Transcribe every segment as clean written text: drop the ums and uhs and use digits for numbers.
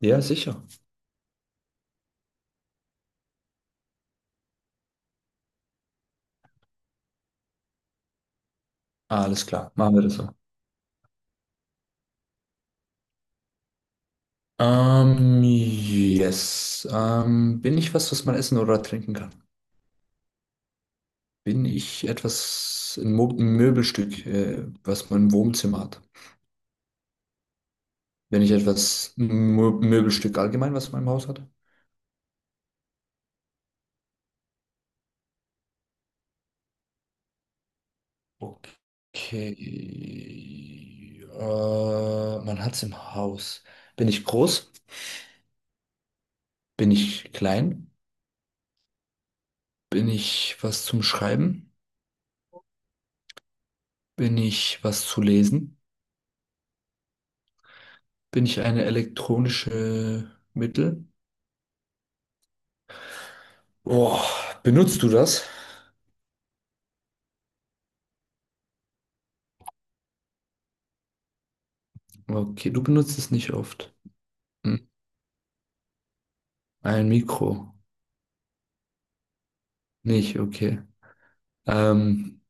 Ja, sicher. Alles klar, machen wir das so. Yes. Bin ich was, was man essen oder trinken kann? Bin ich etwas, ein Mo ein Möbelstück, was man im Wohnzimmer hat? Bin ich etwas, ein Mo Möbelstück allgemein, was man im Haus hat? Okay. Man hat es im Haus. Bin ich groß? Bin ich klein? Bin ich was zum Schreiben? Bin ich was zu lesen? Bin ich eine elektronische Mittel? Boah, benutzt du das? Okay, du benutzt es nicht oft. Hm. Ein Mikro. Nicht, okay. Ähm,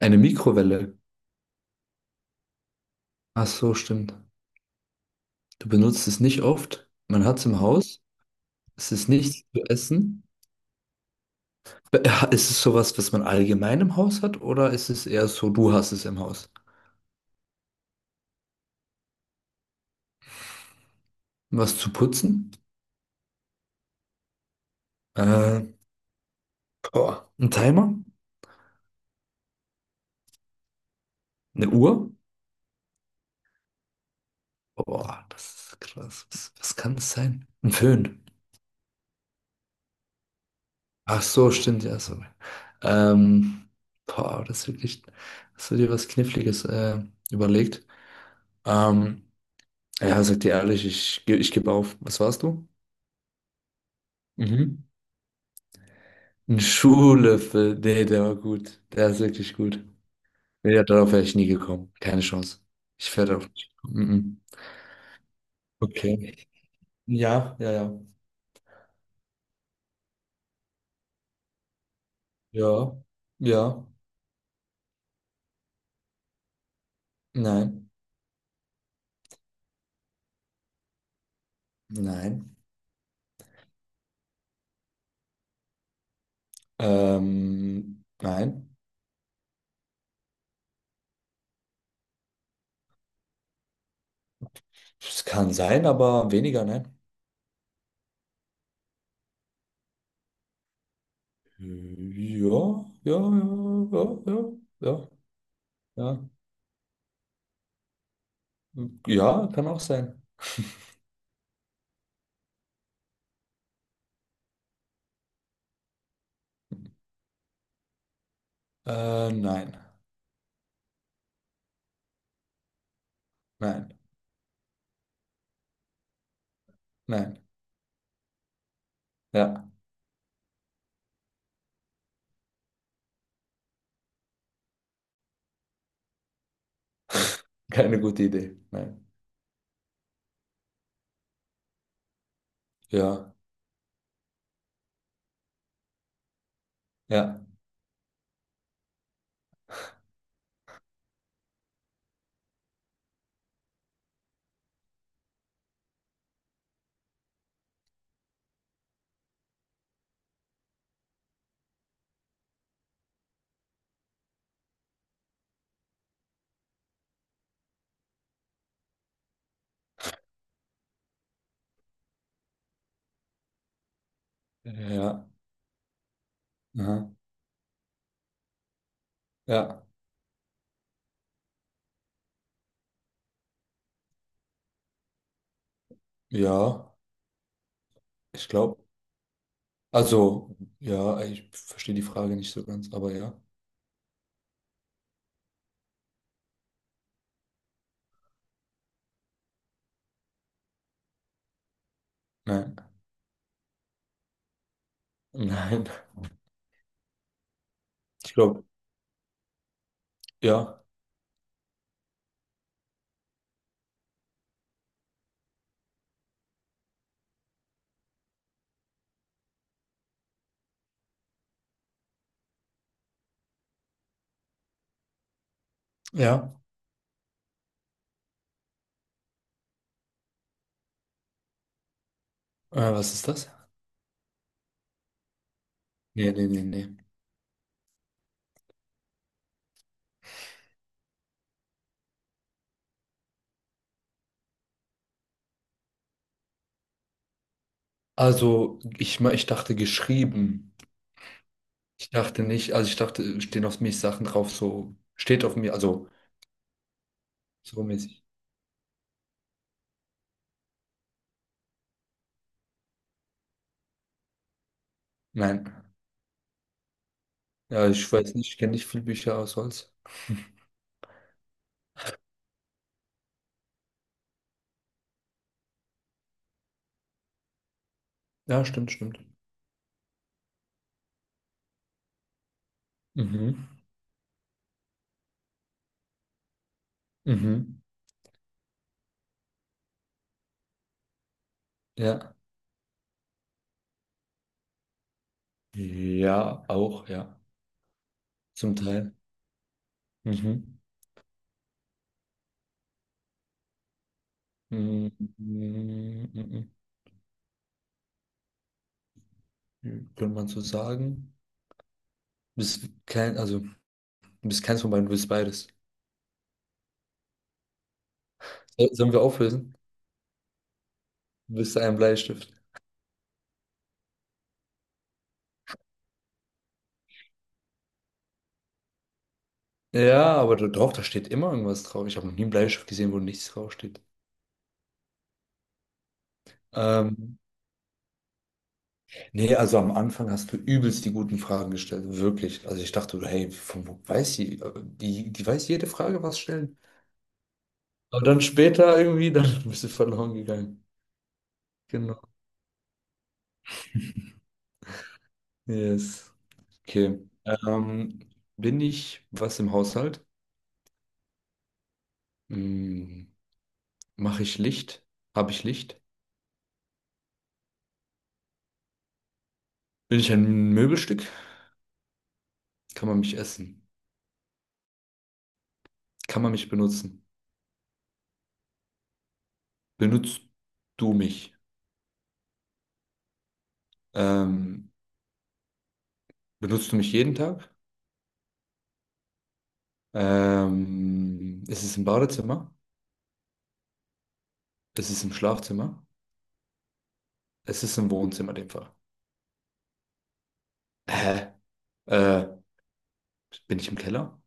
eine Mikrowelle. Ach so, stimmt. Du benutzt es nicht oft. Man hat es im Haus. Es ist nichts zu essen. Be- Ist es sowas, was man allgemein im Haus hat, oder ist es eher so, du hast es im Haus? Was zu putzen? Äh, Boah, ein Timer? Eine Uhr? Boah, das ist krass. Was, was kann es sein? Ein Föhn. Ach so, stimmt, ja, sorry. Ähm, boah, das ist wirklich, hast du dir was Kniffliges überlegt? Ähm, ja, sag dir ehrlich, ich gebe auf. Was warst du? Mhm. Ein Schuhlöffel. Nee, der war gut. Der ist wirklich gut. Nee, darauf wäre ich nie gekommen. Keine Chance. Ich wäre darauf nicht gekommen. Mhm. Okay. Ja, ja, ja. Ja, ja. Nein. Nein. Nein. Es kann sein, aber weniger, nein. Ja, ja, ja, ja, ja, ja, ja. Ja, kann auch sein. Nein, nein, nein. Ja, keine gute Idee. Nein. Ja, ja, ja, aha, ja, ja, ich glaube. Also, ja, ich verstehe die Frage nicht so ganz, aber ja. Nein, nein. Ich glaube, ja, ja. Was ist das? Nee, nee, nee, nee. Also, ich dachte geschrieben. Ich dachte nicht, also ich dachte, stehen auf mich Sachen drauf, so, steht auf mir, also, so mäßig. Nein. Ja, ich weiß nicht, ich kenne nicht viele Bücher aus Holz. Ja, stimmt, stimmt. Mhm. Mhm. Ja. Ja, auch, ja. Zum Teil. Mhm. Mhm. Mhm. Mhm. Könnte man so sagen. Du bist kein, also, du bist keins von beiden, du bist beides. Sollen wir auflösen? Du bist ein Bleistift. Ja, aber doch, da steht immer irgendwas drauf. Ich habe noch nie einen Bleistift gesehen, wo nichts draufsteht. Ähm, nee, also am Anfang hast du übelst die guten Fragen gestellt, wirklich. Also ich dachte, hey, von wo weiß sie? Die weiß jede Frage, was stellen. Aber dann später irgendwie, dann bist du verloren gegangen. Genau. Yes. Okay. Ähm, bin ich was im Haushalt? Hm, mache ich Licht? Habe ich Licht? Bin ich ein Möbelstück? Kann man mich essen? Kann man mich benutzen? Benutzt du mich? Ähm, benutzt du mich jeden Tag? Ist es im Badezimmer? Ist es im Schlafzimmer? Ist es im Wohnzimmer in dem Fall? Hä? Äh, bin ich im Keller?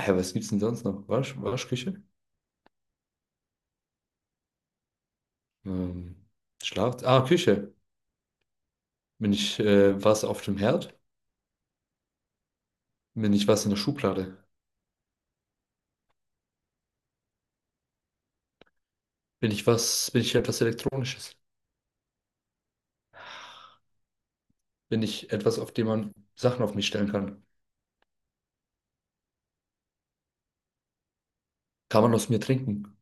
Hä, was gibt's denn sonst noch? Wasch, Waschküche? Ähm, Schlaf... Ah, Küche. Bin ich was auf dem Herd? Bin ich was in der Schublade? Bin ich etwas Elektronisches? Bin ich etwas, auf dem man Sachen auf mich stellen kann? Kann man aus mir trinken?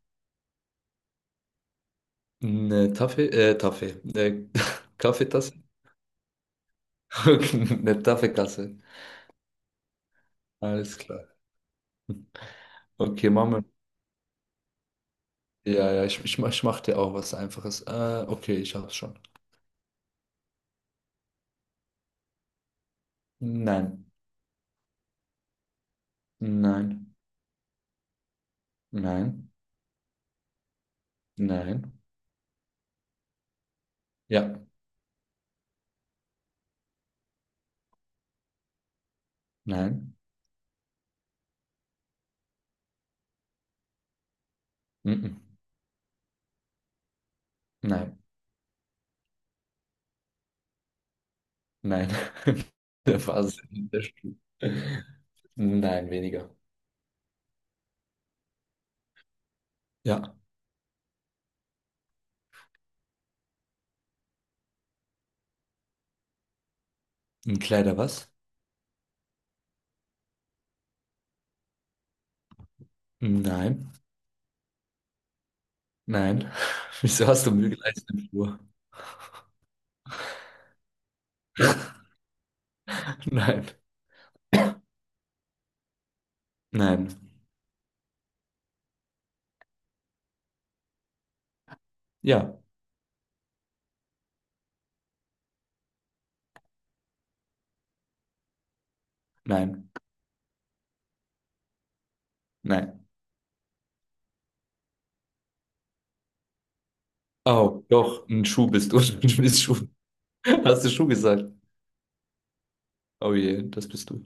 Eine Taffee, äh, Taffee, äh, Kaffeetasse? Okay, eine taffe Kasse. Alles klar. Okay, machen wir. Ja, ja, ich mache dir auch was Einfaches. Okay, ich hab's schon. Nein. Nein. Nein. Nein. Ja. Nein. Mhm. Nein. Nein. Der Phase in der Schule. Nein, weniger. Ja. Ein Kleider was? Nein. Nein. Wieso hast du Mühe geleistet im Flur? Nein. Nein. Ja. Nein. Nein. Oh, doch, ein Schuh bist du. Du bist Schuh. Hast du Schuh gesagt? Oh je, das bist du.